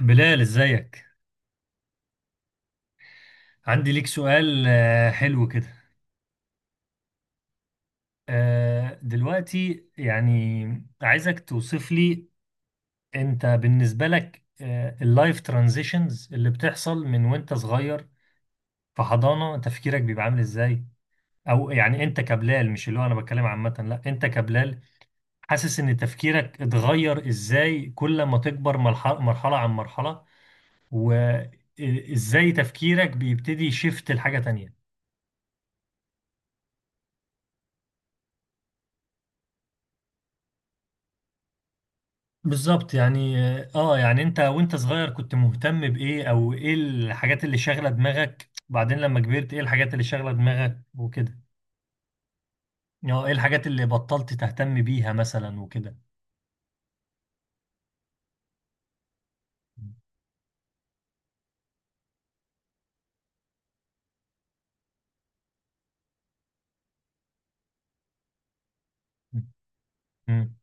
بلال ازيك؟ عندي ليك سؤال. حلو كده. دلوقتي يعني عايزك توصف لي، انت بالنسبة لك اللايف ترانزيشنز اللي بتحصل من وانت صغير في حضانة تفكيرك بيبقى عامل ازاي، او يعني انت كبلال، مش اللي هو انا بتكلم عامة، لا انت كبلال، حاسس ان تفكيرك اتغير ازاي كل ما تكبر، مرحلة مرحلة عن مرحلة، وازاي تفكيرك بيبتدي يشفت لحاجة تانية. بالظبط يعني. اه يعني انت وانت صغير كنت مهتم بايه، او ايه الحاجات اللي شاغله دماغك، بعدين لما كبرت ايه الحاجات اللي شاغله دماغك وكده. اه، ايه الحاجات اللي بطلت تهتم بيها مثلا وكده. امم.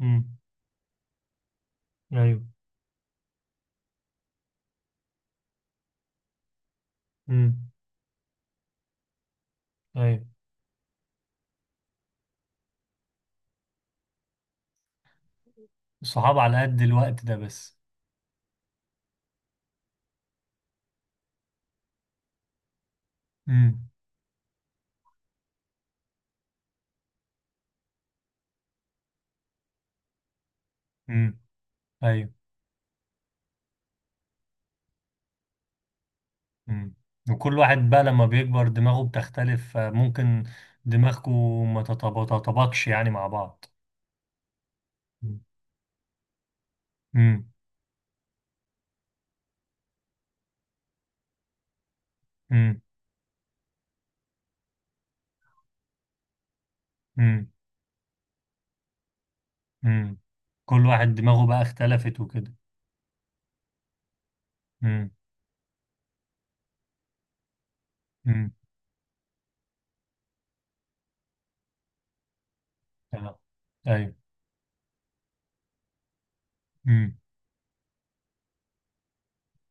امم. ايوه. امم. ايوه. الصحاب على قد الوقت ده بس. امم. امم. ايوه. امم. وكل واحد بقى لما بيكبر دماغه بتختلف، ممكن دماغكم ما تتطابقش يعني مع بعض. امم. امم. امم. كل واحد دماغه بقى اختلفت وكده. امم. امم. تمام. ايوه. امم.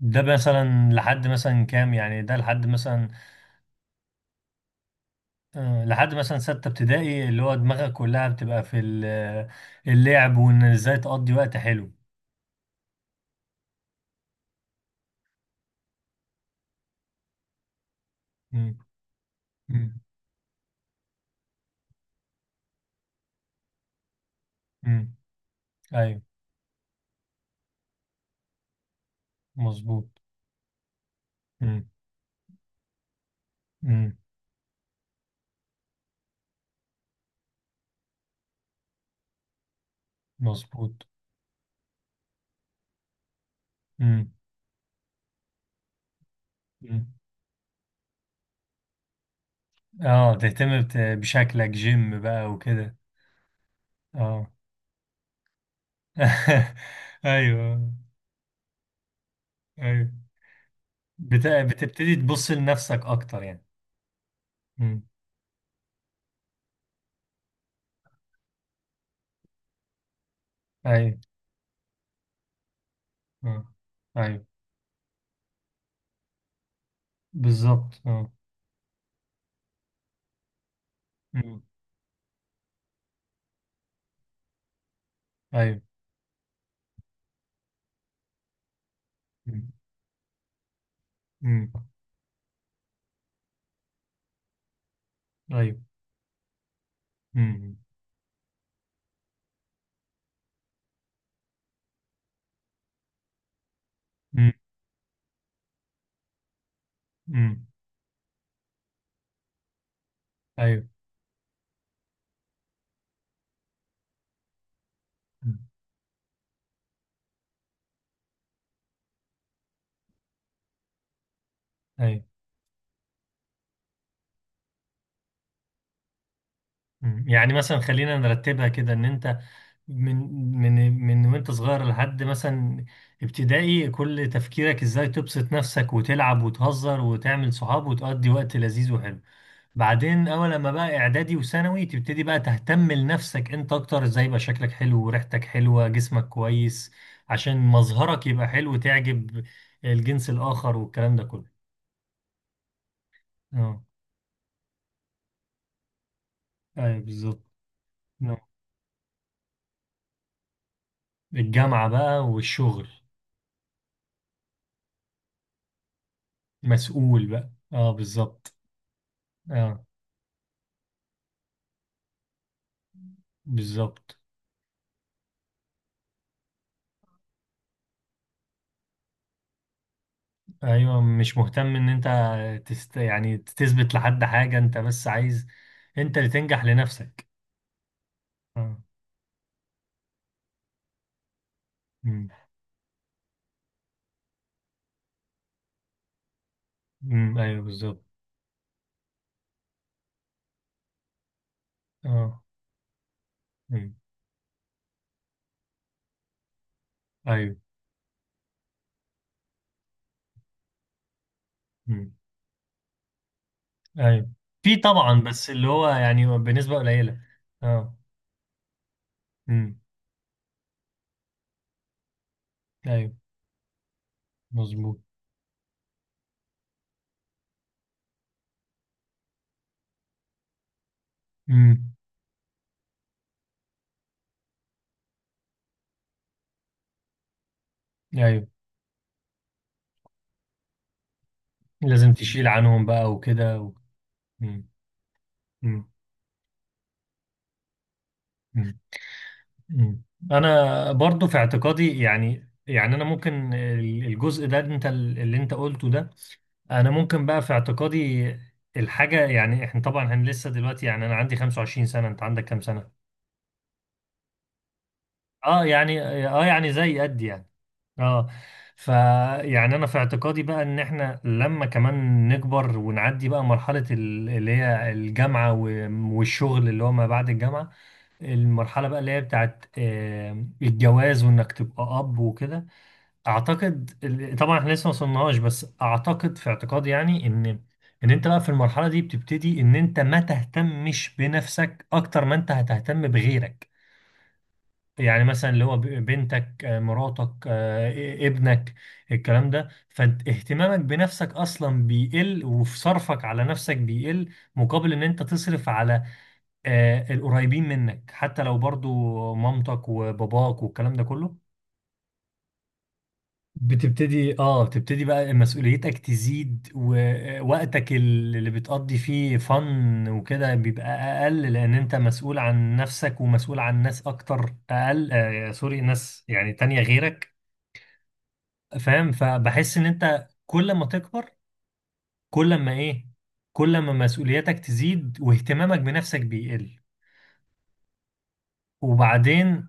ده مثلا لحد مثلا كام؟ يعني ده لحد مثلا لحد مثلا ستة ابتدائي، اللي هو دماغك كلها بتبقى في اللعب، وان ازاي تقضي وقت حلو. امم. امم. امم. ايوه. مظبوط. امم. امم. مظبوط. امم. امم. اه تهتم بشكلك، جيم بقى وكده. اه. ايوه. ايوه. بتبتدي تبص لنفسك اكتر يعني. امم. ايوه. اه. ايوه بالظبط. اه. امم. ايوه. امم. أمم. ايوه. امم. أمم. أمم. ايوه. أمم. ايوه. أمم. يعني مثلا خلينا نرتبها كده، ان انت من من وانت صغير لحد مثلا ابتدائي كل تفكيرك ازاي تبسط نفسك وتلعب وتهزر وتعمل صحاب وتقضي وقت لذيذ وحلو. بعدين اول لما بقى اعدادي وثانوي تبتدي بقى تهتم لنفسك انت اكتر، ازاي يبقى شكلك حلو وريحتك حلوة جسمك كويس عشان مظهرك يبقى حلو، تعجب الجنس الاخر والكلام ده كله. اه. ايوه بالظبط. آه. الجامعة بقى والشغل. مسؤول بقى اه بالظبط. اه بالظبط. ايوه، مش مهتم ان انت يعني تثبت لحد حاجة، انت بس عايز انت اللي تنجح لنفسك. اه. امم. أمم، ايوه بالظبط. اه. أمم. ايوه. مم. ايوه. في طبعا، بس اللي هو يعني بنسبة قليلة. اه. امم. ايوه. مظبوط. امم. ايوه. لازم تشيل عنهم بقى وكده و... مم. مم. مم. مم. انا برضو في اعتقادي يعني، يعني انا ممكن الجزء ده انت اللي انت قلته ده، انا ممكن بقى في اعتقادي الحاجة، يعني احنا طبعا هن لسه دلوقتي، يعني انا عندي 25 سنة، انت عندك كام سنة؟ اه يعني، اه يعني زي قد يعني. اه. ف يعني انا في اعتقادي بقى ان احنا لما كمان نكبر ونعدي بقى مرحلة اللي هي الجامعة والشغل اللي هو ما بعد الجامعة، المرحلة بقى اللي هي بتاعت الجواز وانك تبقى اب وكده. اعتقد طبعا احنا لسه ما وصلناش، بس اعتقد في اعتقادي يعني ان ان انت بقى في المرحلة دي بتبتدي ان انت ما تهتمش بنفسك اكتر ما انت هتهتم بغيرك، يعني مثلا اللي هو بنتك، مراتك، ابنك، الكلام ده، فاهتمامك بنفسك اصلا بيقل، وفي صرفك على نفسك بيقل مقابل ان انت تصرف على القريبين منك، حتى لو برضو مامتك وباباك والكلام ده كله. بتبتدي بقى مسؤوليتك تزيد، ووقتك اللي بتقضي فيه فن وكده بيبقى اقل، لان انت مسؤول عن نفسك ومسؤول عن ناس اكتر اقل. آه سوري، ناس يعني تانية غيرك. فاهم. فبحس ان انت كل ما تكبر، كل ما ايه كل ما مسؤولياتك تزيد واهتمامك بنفسك بيقل. وبعدين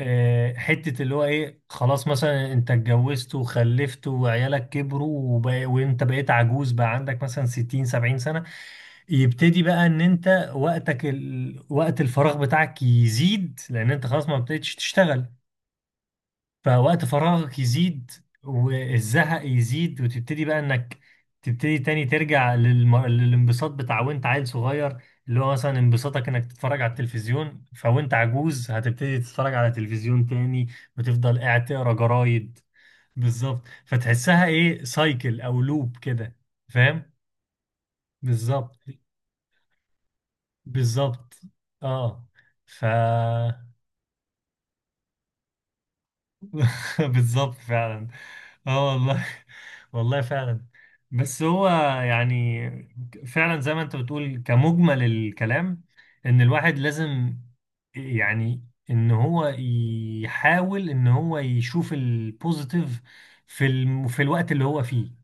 حتة اللي هو ايه، خلاص مثلا انت اتجوزت وخلفت وعيالك كبروا وبقى وانت بقيت عجوز بقى، عندك مثلا 60 70 سنة، يبتدي بقى ان انت وقتك وقت الفراغ بتاعك يزيد، لان انت خلاص ما بقتش تشتغل، فوقت فراغك يزيد والزهق يزيد، وتبتدي بقى انك تبتدي تاني ترجع للانبساط بتاع وانت عيل صغير، اللي هو مثلا انبساطك انك تتفرج على التلفزيون، فوانت عجوز هتبتدي تتفرج على تلفزيون تاني وتفضل قاعد تقرا جرايد. بالظبط، فتحسها ايه سايكل او لوب كده. فاهم. بالظبط. بالظبط اه. ف. بالظبط فعلا. اه والله. والله فعلا. بس هو يعني فعلا زي ما انت بتقول كمجمل الكلام، ان الواحد لازم، يعني ان هو يحاول ان هو يشوف البوزيتيف في في الوقت اللي هو فيه،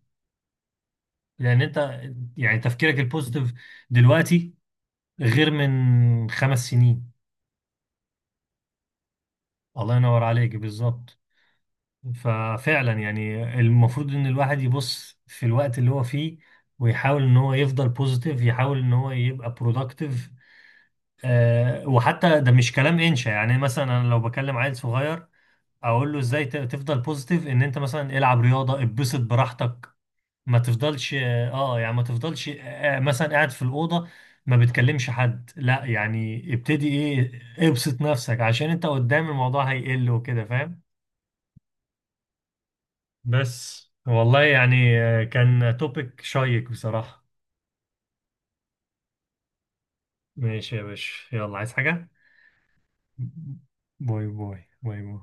لان انت يعني تفكيرك البوزيتيف دلوقتي غير من 5 سنين. الله ينور عليك، بالظبط. ففعلا يعني المفروض ان الواحد يبص في الوقت اللي هو فيه، ويحاول ان هو يفضل بوزيتيف، يحاول ان هو يبقى برودكتيف. أه، وحتى ده مش كلام انشا، يعني مثلا انا لو بكلم عيل صغير اقول له ازاي تفضل بوزيتيف، ان انت مثلا العب رياضة، اتبسط براحتك، ما تفضلش ما تفضلش مثلا قاعد في الأوضة ما بتكلمش حد، لا يعني ابتدي ايه، ابسط نفسك عشان انت قدام الموضوع هيقل وكده. فاهم. بس والله يعني كان توبيك شيق بصراحة. ماشي يا باشا، يلا عايز حاجة؟ باي باي باي باي.